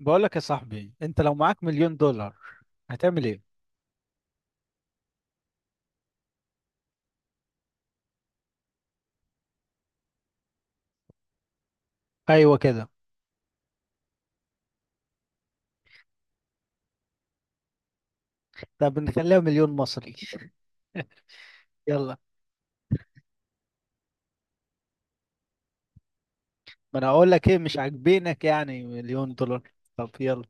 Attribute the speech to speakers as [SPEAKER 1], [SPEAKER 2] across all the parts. [SPEAKER 1] بقول لك يا صاحبي، انت لو معاك مليون دولار هتعمل ايه؟ ايوه كده. طب نخليها مليون مصري. يلا. ما انا اقول لك ايه، مش عاجبينك يعني مليون دولار؟ طب يلا.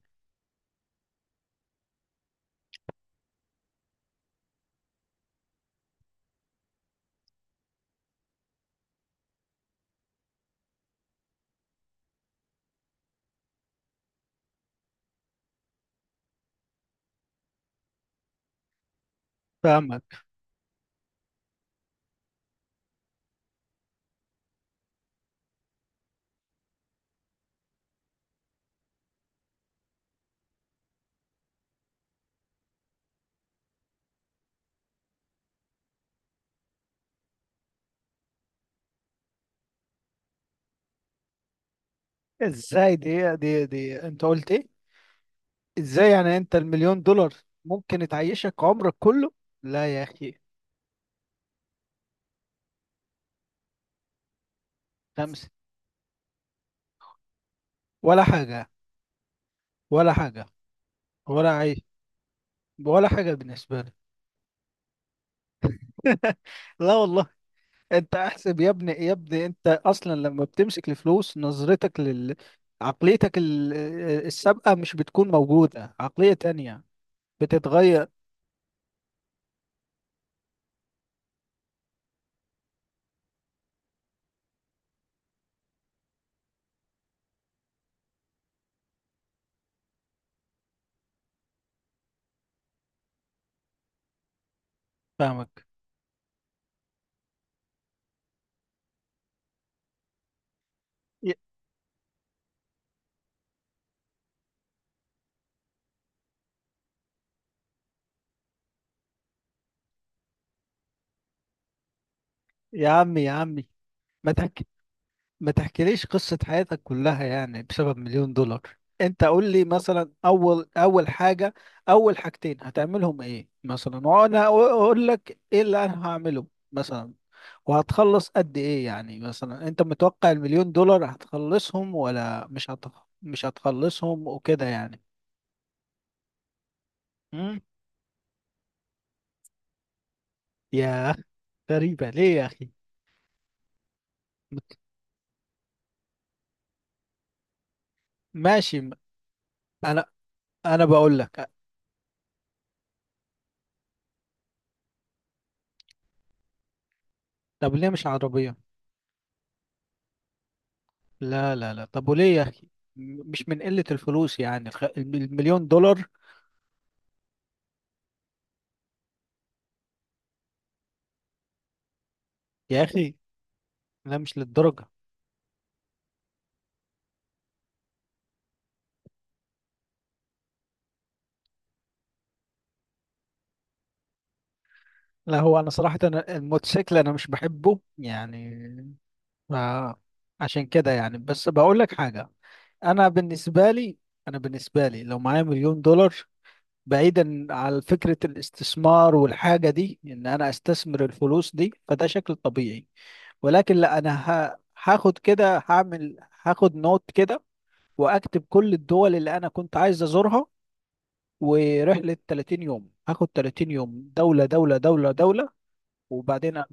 [SPEAKER 1] فاهمك. ازاي دي، انت قلت ايه؟ ازاي يعني، انت المليون دولار ممكن تعيشك عمرك كله؟ لا يا اخي. خمسة. ولا حاجة، ولا حاجة، ولا عيش، ولا حاجة بالنسبة لي. لا والله. انت احسب يا ابني يا ابني، انت اصلا لما بتمسك الفلوس نظرتك عقليتك ال- السابقة مش بتكون موجودة، عقلية تانية بتتغير. فاهمك. يا يا عمي يا عمي، ما تحك ما تحكيليش قصة حياتك كلها يعني بسبب مليون دولار. انت قول لي مثلا اول حاجة، اول حاجتين هتعملهم ايه مثلا، وانا اقول لك ايه اللي انا هعمله مثلا. وهتخلص قد ايه يعني؟ مثلا انت متوقع المليون دولار هتخلصهم ولا مش هتخلصهم وكده يعني؟ امم. يا، غريبة ليه يا اخي؟ ماشي م- انا انا بقول لك، طب ليه مش عربية؟ لا لا لا، طب وليه يا أخي؟ مش من قلة الفلوس يعني، المليون دولار. يا أخي، لا، مش للدرجة. لا، هو أنا صراحة، أنا الموتوسيكل أنا مش بحبه يعني. ف- عشان كده يعني، بس بقول لك حاجة. أنا بالنسبة لي أنا بالنسبة لي لو معايا مليون دولار، بعيدا عن فكرة الاستثمار والحاجة دي، إن أنا أستثمر الفلوس دي فده شكل طبيعي. ولكن لا، أنا ه- هاخد نوت كده، واكتب كل الدول اللي انا كنت عايز ازورها، ورحله 30 يوم. هاخد 30 يوم، دوله دوله دوله دوله، وبعدين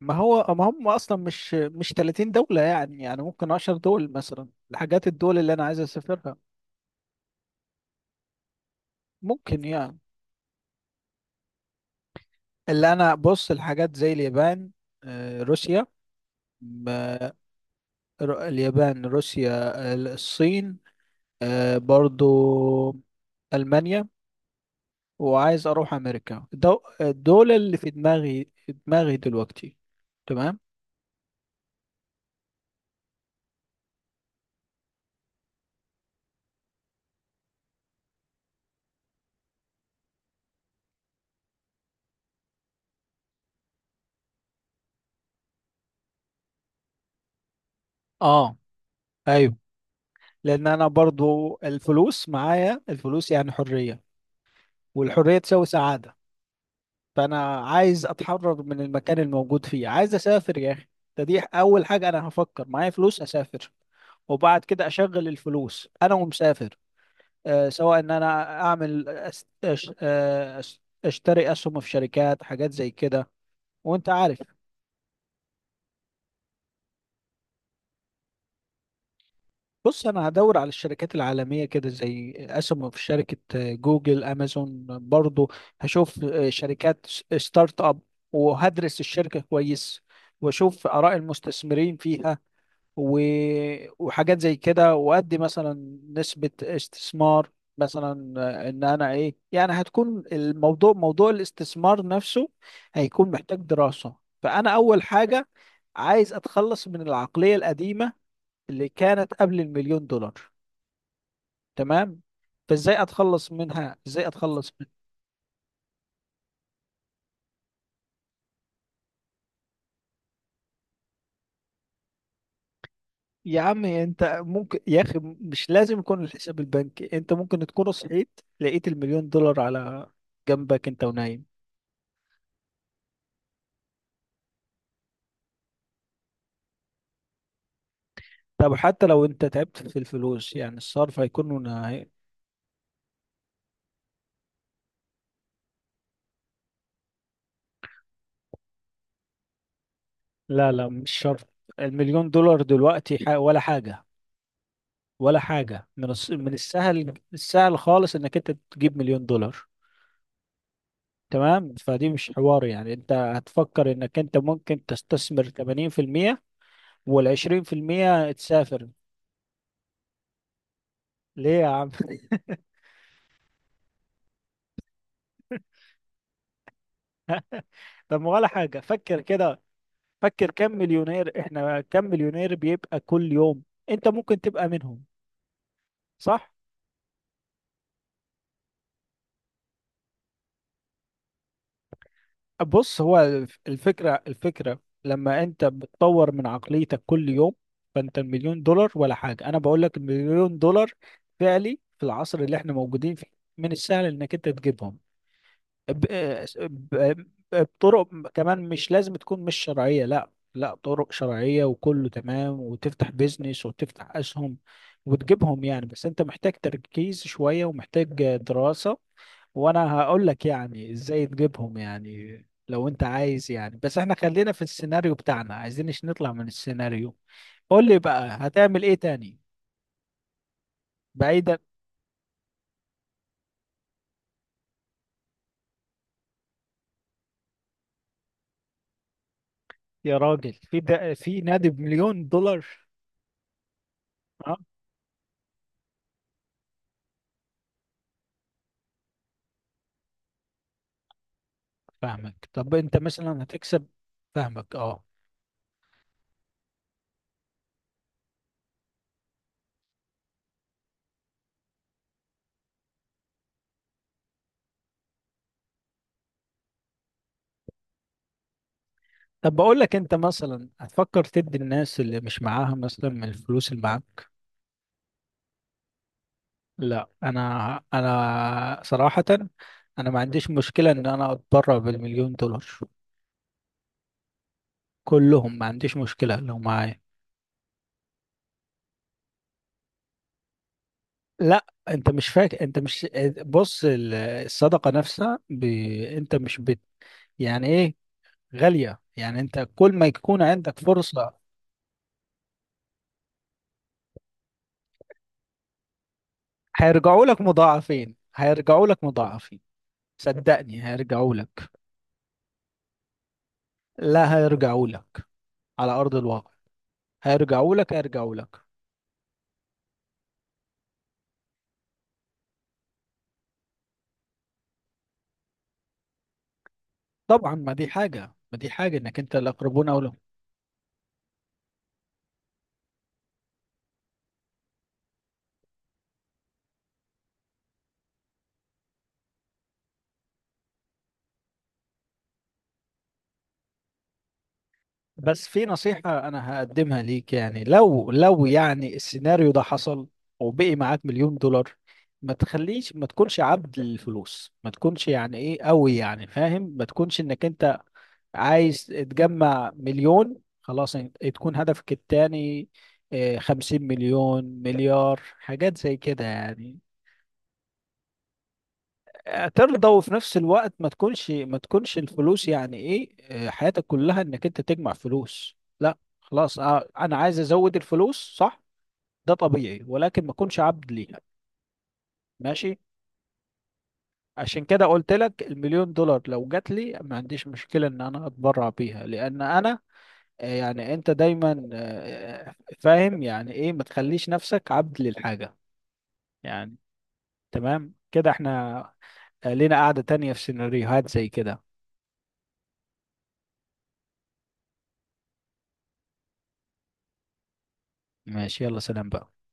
[SPEAKER 1] ما هو ما هم اصلا مش 30 دوله، يعني ممكن 10 دول مثلا. الحاجات الدول اللي انا عايز اسافرها، ممكن يعني. اللي انا، بص، الحاجات زي اليابان، آه، روسيا. م- اليابان، روسيا، الصين، آه، برضو المانيا، وعايز اروح امريكا. دول اللي في دماغي، في دماغي دلوقتي. تمام. اه، ايوه، لان انا برضو الفلوس، معايا الفلوس يعني حرية، والحرية تساوي سعادة. فانا عايز اتحرر من المكان الموجود فيه، عايز اسافر يا اخي. دي اول حاجة انا هفكر، معايا فلوس اسافر، وبعد كده اشغل الفلوس انا ومسافر. آه، سواء ان انا اعمل، أس- أش- آه، أش- اشتري اسهم في شركات، حاجات زي كده وانت عارف. بص، انا هدور على الشركات العالميه كده، زي اسمه، في شركه جوجل، امازون برضو. هشوف آه، شركات ستارت اب، وهدرس الشركه كويس، واشوف اراء المستثمرين فيها، و... وحاجات زي كده، وادي مثلا نسبه استثمار مثلا. آه، ان انا ايه يعني، هتكون الموضوع، موضوع الاستثمار نفسه، هيكون محتاج دراسه. فانا اول حاجه عايز اتخلص من العقليه القديمه اللي كانت قبل المليون دولار. تمام. فازاي اتخلص منها، يا عم انت ممكن، يا اخي مش لازم يكون الحساب البنكي، انت ممكن تكون صحيت لقيت المليون دولار على جنبك انت ونايم. طب حتى لو انت تعبت في الفلوس يعني الصرف هيكون لا لا، مش شرط. المليون دولار دلوقتي ولا حاجة، ولا حاجة. من السهل خالص انك انت تجيب مليون دولار. تمام. فدي مش حوار يعني، انت هتفكر انك انت ممكن تستثمر 80%، وال 20% تسافر. ليه يا عم؟ طب ما ولا حاجة، فكر كده. فكر كم مليونير احنا كم مليونير بيبقى كل يوم؟ انت ممكن تبقى منهم، صح. بص، هو الفكرة لما انت بتطور من عقليتك كل يوم، فانت المليون دولار ولا حاجة. انا بقول لك المليون دولار فعلي، في العصر اللي احنا موجودين فيه، من السهل انك انت تجيبهم ب... ب... بطرق، كمان مش لازم تكون مش شرعية، لا لا، طرق شرعية وكله تمام، وتفتح بيزنس وتفتح أسهم وتجيبهم يعني. بس أنت محتاج تركيز شوية، ومحتاج دراسة، وأنا هقول لك يعني إزاي تجيبهم يعني لو أنت عايز. يعني بس إحنا خلينا في السيناريو بتاعنا، عايزينش نطلع من السيناريو. قول لي بقى هتعمل إيه تاني، بعيدا؟ يا راجل، في نادي بمليون دولار؟ فاهمك، طب انت مثلا هتكسب؟ فاهمك اه. طب بقول لك، انت مثلا هتفكر تدي الناس اللي مش معاها مثلا من الفلوس اللي معاك؟ لا انا صراحة انا ما عنديش مشكلة ان انا اتبرع بالمليون دولار، كلهم. ما عنديش مشكلة لو معايا. لا، انت مش فاكر، انت مش بص، الصدقة نفسها، انت مش بت... يعني ايه، غالية يعني، انت كل ما يكون عندك فرصة، هيرجعوا لك مضاعفين، هيرجعوا لك مضاعفين. صدقني هيرجعوا لك، لا، هيرجعوا لك على أرض الواقع، هيرجعوا لك هيرجعوا لك. طبعا، ما دي حاجة، ما دي حاجة انك انت، الأقربون أولى. بس في نصيحة أنا هقدمها ليك، يعني لو يعني السيناريو ده حصل وبقي معاك مليون دولار، ما تخليش، ما تكونش عبد للفلوس، ما تكونش يعني إيه قوي يعني فاهم، ما تكونش إنك أنت عايز تجمع مليون خلاص. تكون هدفك التاني آه، 50 مليون، مليار، حاجات زي كده يعني، ترضى. وفي نفس الوقت، ما تكونش الفلوس يعني ايه، آه، حياتك كلها، انك انت تجمع فلوس. لا خلاص، آه، انا عايز ازود الفلوس، صح، ده طبيعي، ولكن ما اكونش عبد ليها. ماشي. عشان كده قلت لك المليون دولار لو جات لي ما عنديش مشكلة ان انا اتبرع بيها، لان انا آه، يعني انت دايما آه، فاهم يعني ايه، ما تخليش نفسك عبد للحاجة يعني. تمام كده احنا، آه، لينا قاعدة تانية في سيناريوهات زي كده. ماشي، يلا سلام بقى.